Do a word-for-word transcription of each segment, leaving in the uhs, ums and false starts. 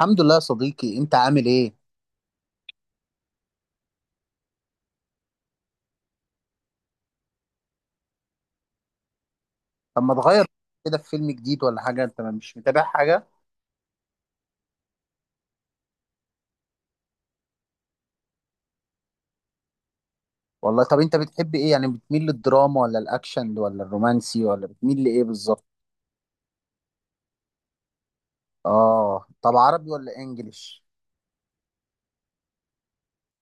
الحمد لله يا صديقي، انت عامل ايه؟ طب ما تغير كده؟ في فيلم جديد ولا حاجه؟ انت ما- مش متابع حاجه؟ والله، طب انت بتحب ايه؟ يعني بتميل للدراما ولا الاكشن ولا الرومانسي ولا بتميل لايه بالظبط؟ اه، طب عربي ولا انجليش؟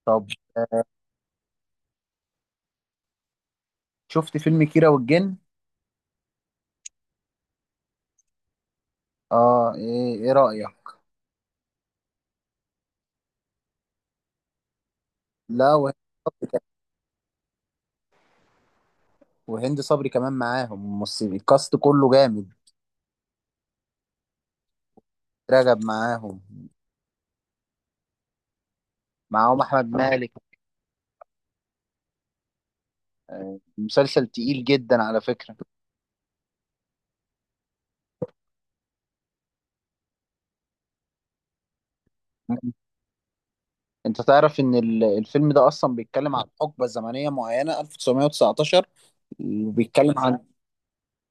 طب، شفت فيلم كيرة والجن؟ اه، ايه ايه رايك؟ لا، وه- وهند صبري كمان معاهم. ممثل الكاست كله جامد. رجب معاهم. معاهم احمد مالك. مسلسل تقيل جدا على فكره. انت تعرف ان ال- الفيلم ده اصلا بيتكلم عن حقبة زمنية معينة، ألف وتسعمية وتسعتاشر، وبيتكلم عن...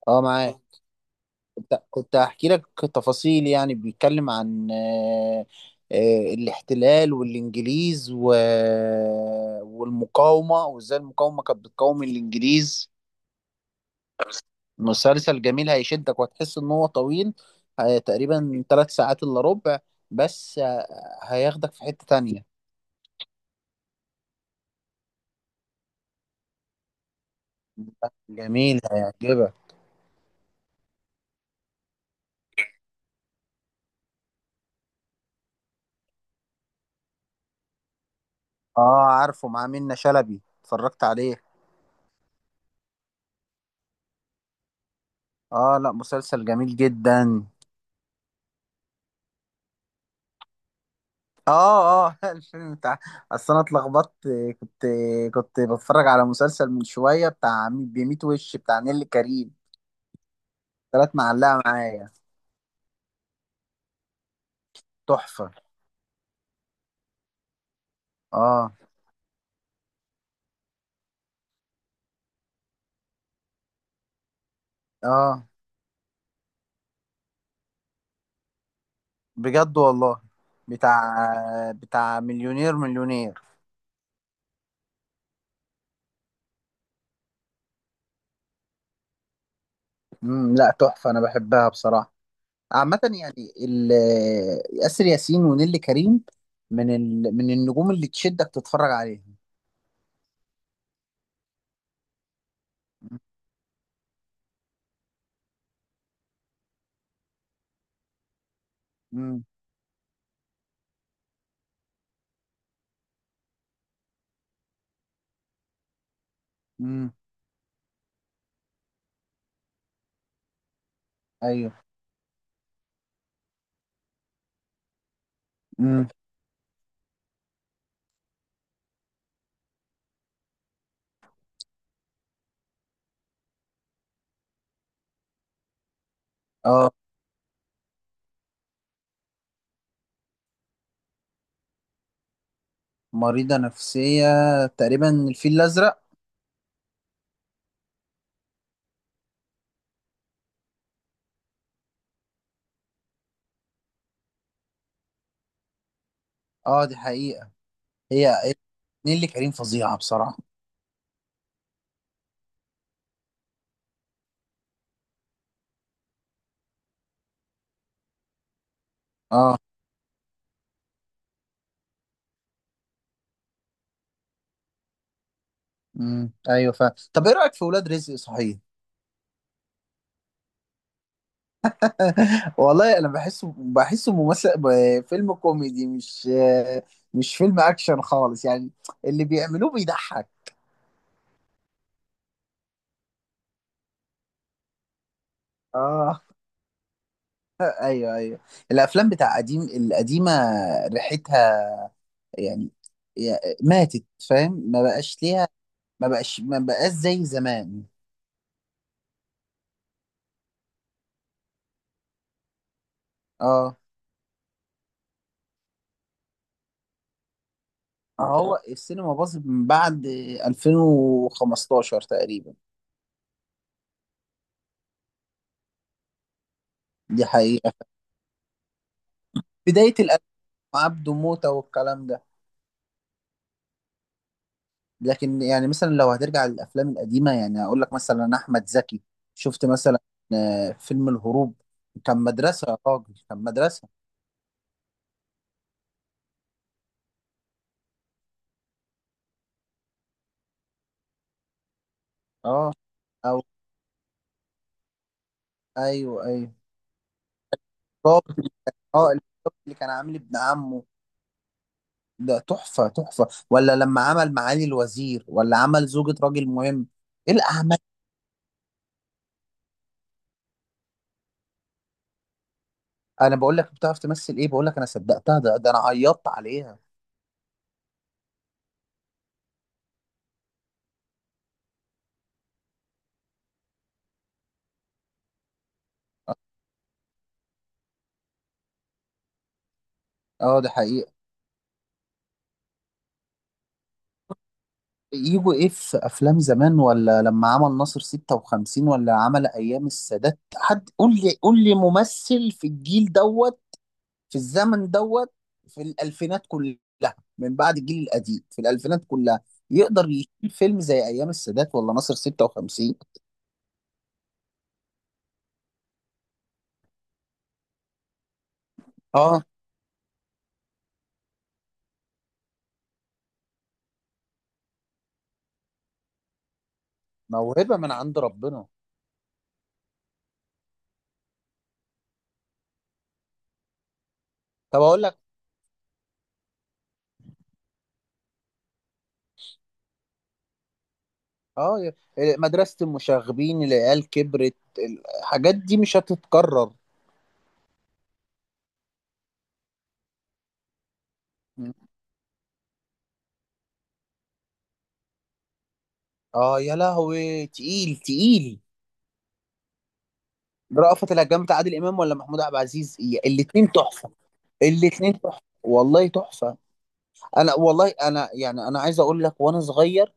اه، معاك. كنت كنت هحكي لك تفاصيل، يعني بيتكلم عن آه، آه، الاحتلال والانجليز و... والمقاومة، وازاي المقاومة كانت بتقاوم الانجليز. مسلسل جميل هيشدك، وهتحس ان هو طويل. آه، تقريبا ثلاث ساعات الا ربع. بس آه، هياخدك في حتة تانية. جميل، هيعجبك. اه، عارفه، مع منة شلبي، اتفرجت عليه. اه لا، مسلسل جميل جدا. اه، اه. الفيلم بتاع... اصل انا اتلخبطت. كنت كنت بتفرج على مسلسل من شويه، بتاع بميت وش، بتاع نيللي كريم. طلعت معلقه معايا. تحفه. اه، اه، بجد والله؟ بتاع بتاع مليونير مليونير. امم لا، تحفه، انا بحبها بصراحه. عامه، يعني ال- آسر ياسين ونيللي كريم، من ال... من النجوم اللي تشدك تتفرج عليها. امم. امم. ايوه. امم. اه، مريضة نفسية. تقريبا الفيل الأزرق. اه، دي حقيقة. هي هي نيللي كريم فظيعة بصراحة. اه، امم، ايوه، فا طب ايه رأيك في ولاد رزق؟ صحيح. والله انا بحسه بحسه ممثل ب- فيلم كوميدي، مش مش فيلم اكشن خالص يعني. اللي بيعملوه بيضحك. اه، ايوه، ايوه. الافلام بتاع قديم القديمة، ريحتها يعني يا- ماتت، فاهم؟ ما بقاش ليها. ما بقاش ما بقاش زي زمان. اه، هو السينما باظت من بعد ألفين وخمستاشر تقريبا. دي حقيقة. بداية الألف، عبده موتة والكلام ده. لكن يعني مثلا، لو هترجع للأفلام القديمة، يعني أقول لك مثلا أحمد زكي. شفت مثلا آه، فيلم الهروب؟ كان مدرسة يا راجل، كان مدرسة. اه، أو أيوه، أيوه، ضابط. اه، الضابط اللي كان عامل ابن عمه. ده تحفة تحفة، ولا لما عمل معالي الوزير، ولا عمل زوجة راجل مهم، ايه الأعمال! انا بقول لك بتعرف تمثل ايه؟ بقول لك، انا صدقتها. ده, ده انا عيطت عليها. اه، ده حقيقة. يجوا ايه في افلام زمان؟ ولا لما عمل ناصر ستة وخمسين، ولا عمل ايام السادات، حد قول لي قول لي ممثل في الجيل دوت، في الزمن دوت، في الالفينات كلها. من بعد الجيل القديم، في الالفينات كلها، يقدر يشيل فيلم زي ايام السادات ولا ناصر ستة وخمسين؟ موهبة من عند ربنا. طب اقول لك، اه، يا- مدرسة المشاغبين، العيال كبرت. الحاجات دي مش هتتكرر. اه، يا لهوي، تقيل تقيل. رأفت الهجان بتاع عادل امام ولا محمود عبد العزيز؟ يا- الاتنين تحفة. الاتنين تحفة والله، تحفة. انا والله، انا يعني، انا عايز اقول لك، وانا صغير...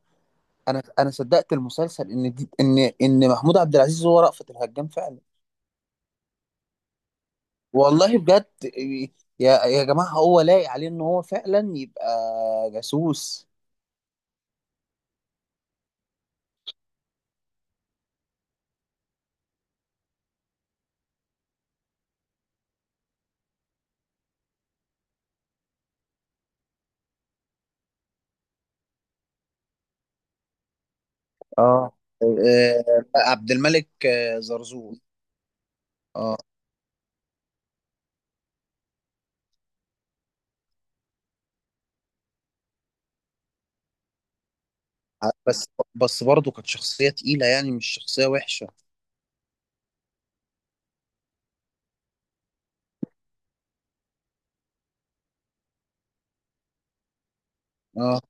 انا انا صدقت المسلسل ان دي ان ان محمود عبد العزيز هو رأفت الهجان فعلا. والله بجد. يا يا جماعة، هو لايق عليه ان هو فعلا يبقى جاسوس. اه، آه، عبد الملك آه، زرزور. اه بس، بس برضه كانت شخصية تقيلة، يعني مش شخصية وحشة. اه،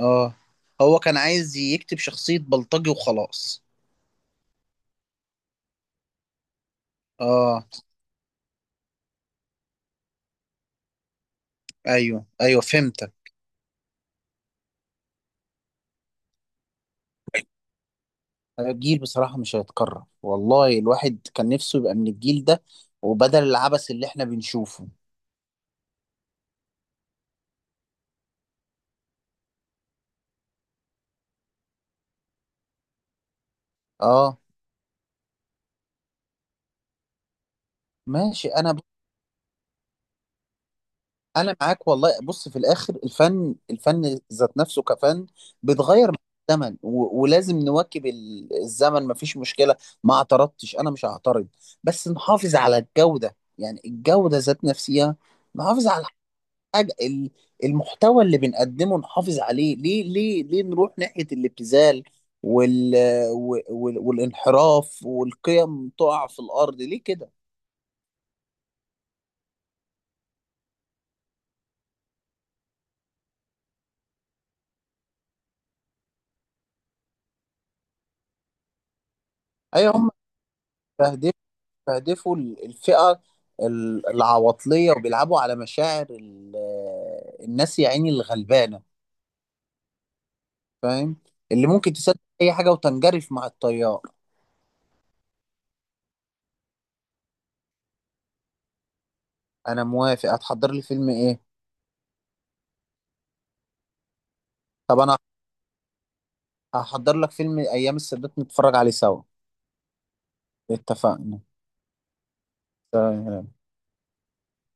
اه، هو كان عايز يكتب شخصية بلطجي وخلاص. اه، ايوه ايوه، فهمتك. آه، الجيل بصراحة مش هيتكرر والله. الواحد كان نفسه يبقى من الجيل ده، وبدل العبث اللي احنا بنشوفه. اه، ماشي، انا. انا معاك والله. بص، في الاخر الفن، الفن ذات نفسه كفن، بيتغير مع الزمن، و- ولازم نواكب ال- الزمن، مفيش مشكله. ما اعترضتش، انا مش هعترض. بس نحافظ على الجوده، يعني الجوده ذات نفسها. نحافظ على الحاجه ال- المحتوى اللي بنقدمه، نحافظ عليه. ليه ليه ليه نروح ناحيه الابتذال وال وال- والانحراف، والقيم تقع في الارض، ليه كده؟ ايوه، هم بيستهدفوا ال- الفئة ال- العواطلية، وبيلعبوا على مشاعر ال- الناس يا عيني الغلبانة. فاهم؟ اللي ممكن تصدق أي حاجة، وتنجرف مع التيار. أنا موافق. هتحضر لي فيلم إيه؟ طب أنا هحضر لك فيلم أيام السادات، نتفرج عليه سوا. اتفقنا.